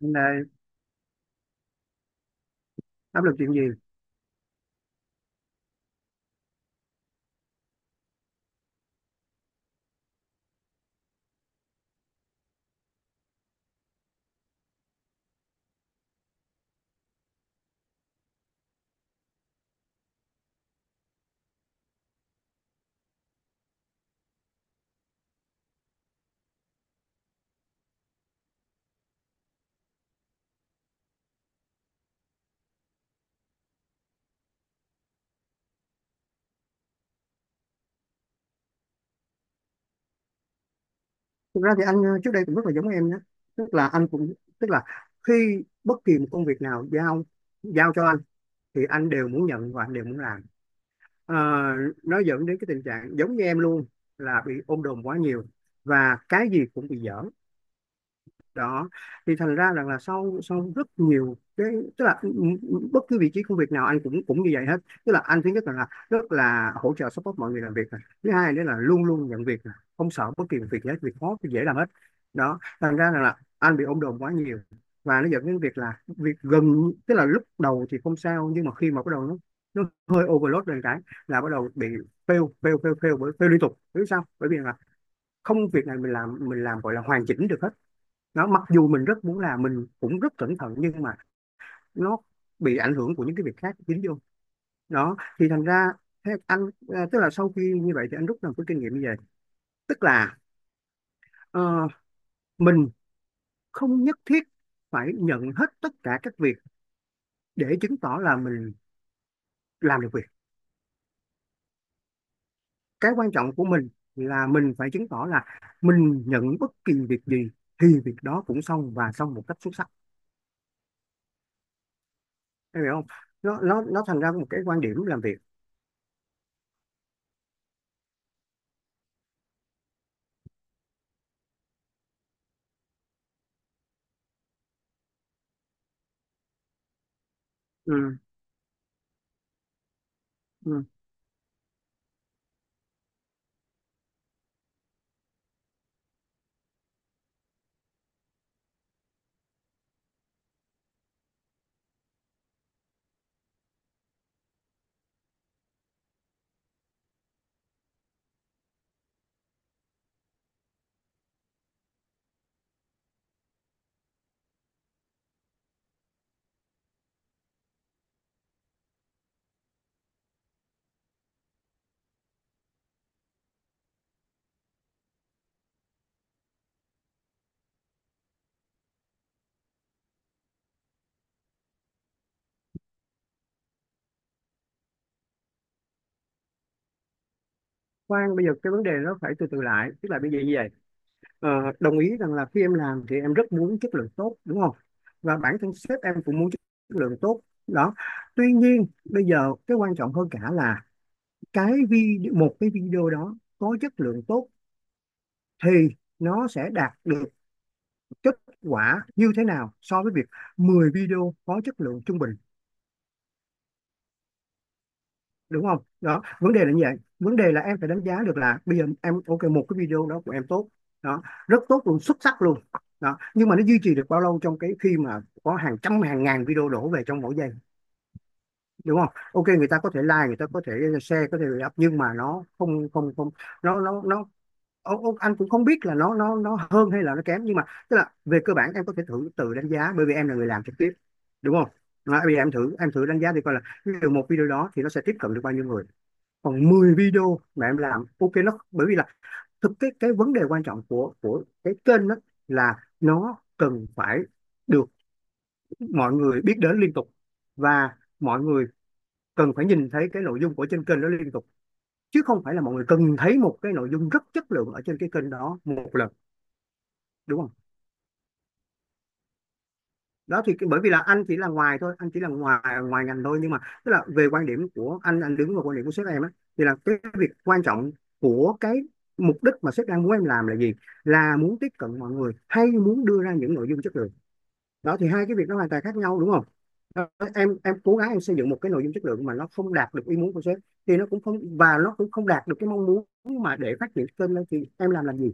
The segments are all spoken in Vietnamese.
Nên là áp lực chuyện gì? Thực ra thì anh trước đây cũng rất là giống em nhé. Tức là anh cũng, tức là khi bất kỳ một công việc nào giao giao cho anh thì anh đều muốn nhận và anh đều muốn làm. Ờ, nó dẫn đến cái tình trạng giống như em luôn, là bị ôm đồm quá nhiều và cái gì cũng bị dở. Đó thì thành ra rằng là sau sau rất nhiều cái, tức là bất cứ vị trí công việc nào anh cũng cũng như vậy hết. Tức là anh thứ nhất là rất là hỗ trợ, support mọi người làm việc này. Thứ hai nữa là luôn luôn nhận việc này, không sợ bất kỳ một việc gì hết, việc khó thì dễ làm hết. Đó thành ra rằng là anh bị ôm đồm quá nhiều và nó dẫn đến việc là việc gần, tức là lúc đầu thì không sao nhưng mà khi mà bắt đầu nó, nó hơi overload lên cái là bắt đầu bị fail fail fail fail bởi fail liên tục. Biết sao? Bởi vì là không, việc này mình làm, gọi là hoàn chỉnh được hết. Nó mặc dù mình rất muốn làm, mình cũng rất cẩn thận nhưng mà nó bị ảnh hưởng của những cái việc khác dính vô. Đó thì thành ra thế anh, tức là sau khi như vậy thì anh rút ra một cái kinh nghiệm như vậy. Tức là ờ, mình không nhất thiết phải nhận hết tất cả các việc để chứng tỏ là mình làm được việc. Cái quan trọng của mình là mình phải chứng tỏ là mình nhận bất kỳ việc gì thì việc đó cũng xong và xong một cách xuất sắc. Em hiểu không? Nó thành ra một cái quan điểm làm việc. Ừ, ừ. Khoan, bây giờ cái vấn đề nó phải từ từ lại, tức là bây giờ như vậy. ờ, Đồng ý rằng là khi em làm thì em rất muốn chất lượng tốt đúng không, và bản thân sếp em cũng muốn chất lượng tốt. Đó, tuy nhiên bây giờ cái quan trọng hơn cả là cái video, một cái video đó có chất lượng tốt thì nó sẽ đạt được kết quả như thế nào so với việc 10 video có chất lượng trung bình. Đúng không? Đó vấn đề là như vậy, vấn đề là em phải đánh giá được là bây giờ em ok một cái video đó của em tốt, đó, rất tốt luôn, xuất sắc luôn. Đó, nhưng mà nó duy trì được bao lâu trong cái khi mà có hàng trăm hàng ngàn video đổ về trong mỗi giây. Đúng không? Ok, người ta có thể like, người ta có thể share, có thể up nhưng mà nó không không không nó ông, anh cũng không biết là nó hơn hay là nó kém, nhưng mà tức là về cơ bản em có thể thử tự đánh giá bởi vì em là người làm trực tiếp, đúng không? Đó, bây giờ em thử, đánh giá thì coi là từ một video đó thì nó sẽ tiếp cận được bao nhiêu người, còn 10 video mà em làm ok nó. Bởi vì là thực, cái vấn đề quan trọng của cái kênh đó là nó cần phải được mọi người biết đến liên tục, và mọi người cần phải nhìn thấy cái nội dung của trên kênh đó liên tục, chứ không phải là mọi người cần thấy một cái nội dung rất chất lượng ở trên cái kênh đó một lần. Đúng không? Đó thì cái- bởi vì là anh chỉ là ngoài thôi, anh chỉ là ngoài ngoài ngành thôi, nhưng mà tức là về quan điểm của anh đứng vào quan điểm của sếp em á, thì là cái việc quan trọng của cái mục đích mà sếp đang muốn em làm là gì, là muốn tiếp cận mọi người hay muốn đưa ra những nội dung chất lượng? Đó thì hai cái việc nó hoàn toàn khác nhau, đúng không? Đó, em cố gắng em xây dựng một cái nội dung chất lượng mà nó không đạt được ý muốn của sếp thì nó cũng không, và nó cũng không đạt được cái mong muốn mà để phát triển kênh lên, thì em làm gì?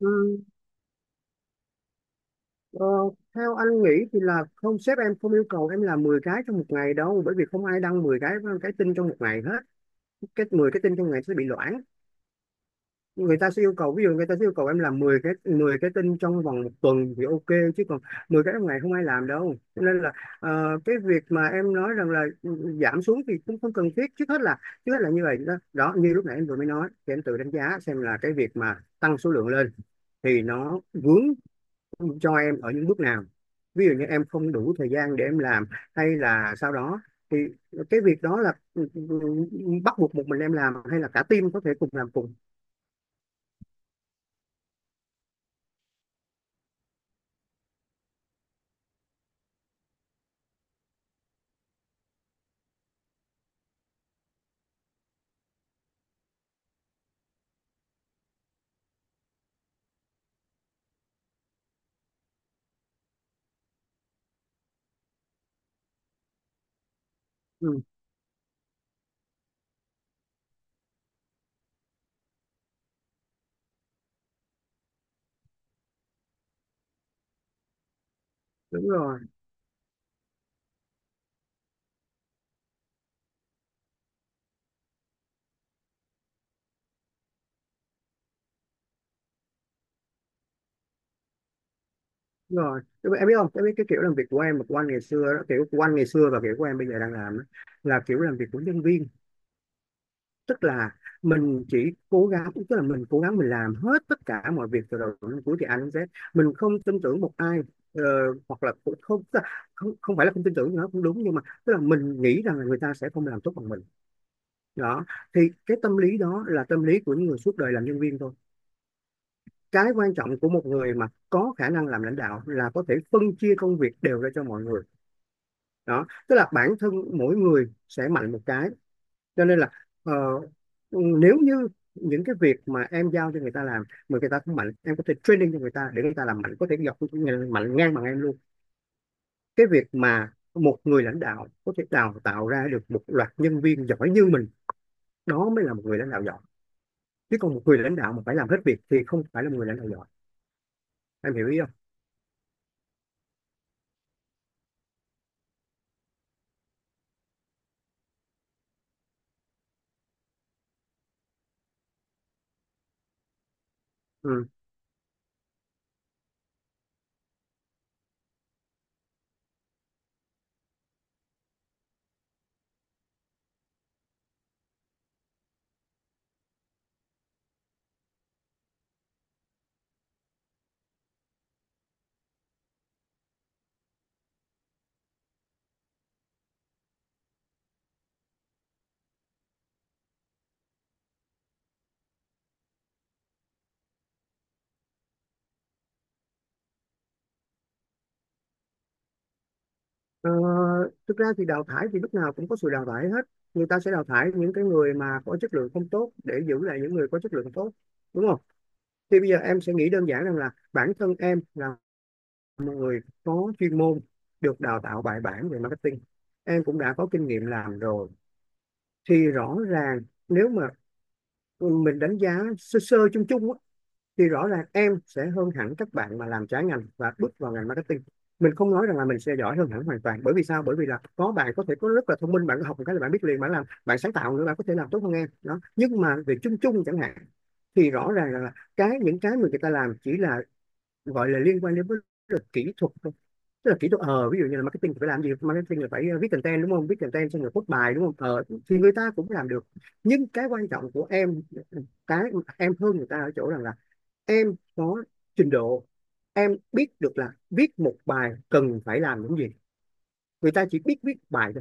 Ừ. Ờ, theo anh nghĩ thì là không, sếp em không yêu cầu em làm 10 cái trong một ngày đâu, bởi vì không ai đăng 10 cái tin trong một ngày hết. Cái 10 cái tin trong ngày sẽ bị loãng. Người ta sẽ yêu cầu, ví dụ người ta sẽ yêu cầu em làm 10 cái, tin trong vòng một tuần thì ok, chứ còn 10 cái trong ngày không ai làm đâu. Cho nên là cái việc mà em nói rằng là giảm xuống thì cũng không cần thiết. Trước hết là, như vậy đó. Đó như lúc nãy em vừa mới nói thì em tự đánh giá xem là cái việc mà tăng số lượng lên thì nó vướng cho em ở những bước nào, ví dụ như em không đủ thời gian để em làm, hay là sau đó thì cái việc đó là bắt buộc một mình em làm hay là cả team có thể cùng làm cùng. Ừ, đúng rồi. Đúng rồi, đúng rồi. Em biết không, em biết cái kiểu làm việc của em và của anh ngày xưa đó, kiểu của anh ngày xưa và kiểu của em bây giờ đang làm đó, là kiểu làm việc của nhân viên. Tức là mình chỉ cố gắng, tức là mình cố gắng mình làm hết tất cả mọi việc từ đầu đến cuối thì A đến Z, mình không tin tưởng một ai. Ờ, hoặc là cũng không, tức là không không phải là không tin tưởng nó cũng đúng, nhưng mà tức là mình nghĩ rằng là người ta sẽ không làm tốt bằng mình. Đó thì cái tâm lý đó là tâm lý của những người suốt đời làm nhân viên thôi. Cái quan trọng của một người mà có khả năng làm lãnh đạo là có thể phân chia công việc đều ra cho mọi người. Đó tức là bản thân mỗi người sẽ mạnh một cái, cho nên là ờ, nếu như những cái việc mà em giao cho người ta làm mà người ta không mạnh, em có thể training cho người ta để người ta làm mạnh, có thể dọc mạnh ngang bằng em luôn. Cái việc mà một người lãnh đạo có thể đào tạo ra được một loạt nhân viên giỏi như mình, đó mới là một người lãnh đạo giỏi. Chứ còn một người lãnh đạo mà phải làm hết việc thì không phải là một người lãnh đạo giỏi. Em hiểu ý không? Ừ. Ờ, thực ra thì đào thải thì lúc nào cũng có sự đào thải hết. Người ta sẽ đào thải những cái người mà có chất lượng không tốt để giữ lại những người có chất lượng tốt, đúng không? Thì bây giờ em sẽ nghĩ đơn giản rằng là bản thân em là một người có chuyên môn, được đào tạo bài bản về marketing. Em cũng đã có kinh nghiệm làm rồi. Thì rõ ràng nếu mà mình đánh giá sơ sơ chung chung á, thì rõ ràng em sẽ hơn hẳn các bạn mà làm trái ngành và bước vào ngành marketing. Mình không nói rằng là mình sẽ giỏi hơn hẳn hoàn toàn. Bởi vì sao? Bởi vì là có bạn có thể có rất là thông minh, bạn có học một cái là bạn biết liền, bạn làm, bạn sáng tạo nữa, bạn có thể làm tốt hơn em. Đó. Nhưng mà về chung chung chẳng hạn, thì rõ ràng là cái những cái mà người ta làm chỉ là gọi là liên quan đến với luật kỹ thuật thôi. Tức là kỹ thuật, ờ ví dụ như là marketing phải làm gì, marketing là phải viết content đúng không, viết content xong rồi post bài đúng không, ờ thì người ta cũng làm được. Nhưng cái quan trọng của em, cái em hơn người ta ở chỗ rằng là em có trình độ. Em biết được là viết một bài cần phải làm những gì, người ta chỉ biết viết bài,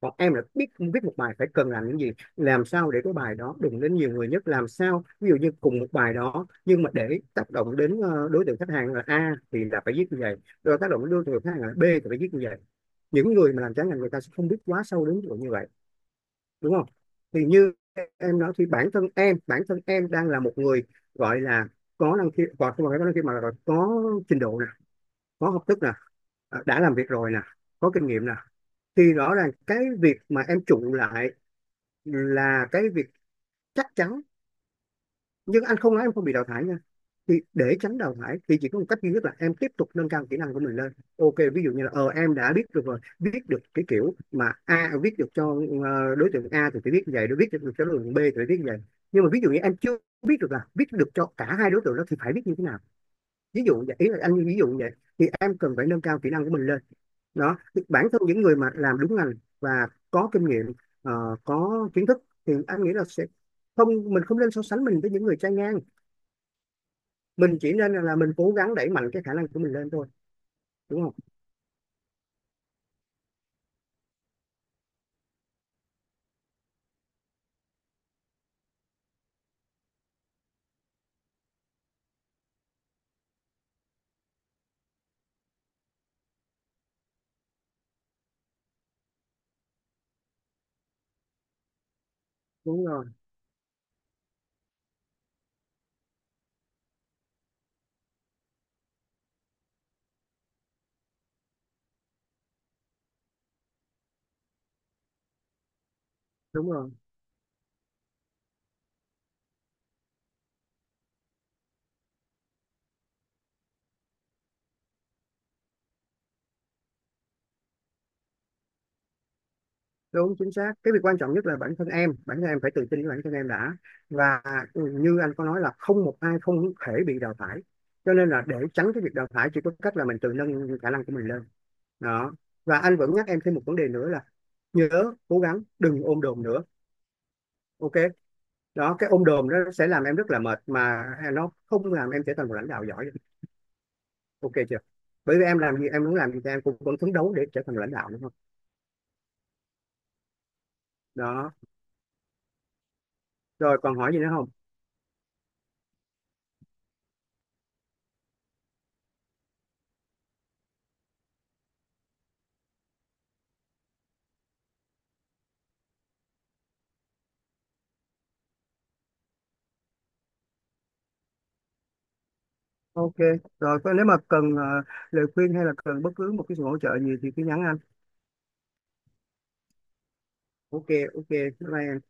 còn em là biết viết một bài phải cần làm những gì, làm sao để cái bài đó đụng đến nhiều người nhất, làm sao ví dụ như cùng một bài đó nhưng mà để tác động đến đối tượng khách hàng là A thì là phải viết như vậy, rồi tác động đến đối tượng khách hàng là B thì phải viết như vậy. Những người mà làm trái ngành người ta sẽ không biết quá sâu đến chỗ như vậy, đúng không? Thì như em nói thì bản thân em, bản thân em đang là một người gọi là có năng khiếu, còn không phải có năng khiếu mà là có trình độ nè, có học thức nè, đã làm việc rồi nè, có kinh nghiệm nè, thì rõ ràng cái việc mà em trụ lại là cái việc chắc chắn. Nhưng anh không nói em không bị đào thải nha. Thì để tránh đào thải thì chỉ có một cách duy nhất là em tiếp tục nâng cao kỹ năng của mình lên, ok. Ví dụ như là ờ em đã biết được rồi, viết được cái kiểu mà A, viết được cho đối tượng A thì phải viết như vậy, đối viết được cho đối tượng B thì phải viết như vậy, nhưng mà ví dụ như em chưa biết được là viết được cho cả hai đối tượng đó thì phải viết như thế nào, ví dụ vậy, ý là anh ví dụ vậy, thì em cần phải nâng cao kỹ năng của mình lên. Đó. Thì bản thân những người mà làm đúng ngành và có kinh nghiệm, có kiến thức thì anh nghĩ là sẽ không, mình không nên so sánh mình với những người trai ngang. Mình chỉ nên là, mình cố gắng đẩy mạnh cái khả năng của mình lên thôi, đúng không? Đúng rồi, đúng rồi. Đúng chính xác, cái việc quan trọng nhất là bản thân em, bản thân em phải tự tin với bản thân em đã. Và như anh có nói là không một ai không thể bị đào thải, cho nên là để tránh cái việc đào thải chỉ có cách là mình tự nâng khả năng của mình lên. Đó. Và anh vẫn nhắc em thêm một vấn đề nữa là nhớ cố gắng đừng ôm đồm nữa, ok? Đó, cái ôm đồm nó sẽ làm em rất là mệt mà, nó không làm em trở thành một lãnh đạo giỏi. Ok chưa? Bởi vì em làm gì, em muốn làm gì thì em cũng vẫn phấn đấu để trở thành lãnh đạo, đúng không? Đó, rồi còn hỏi gì nữa không? Ok, rồi nếu mà cần lời khuyên hay là cần bất cứ một cái sự hỗ trợ gì thì cứ nhắn anh. Ok. Ok, bye bye em.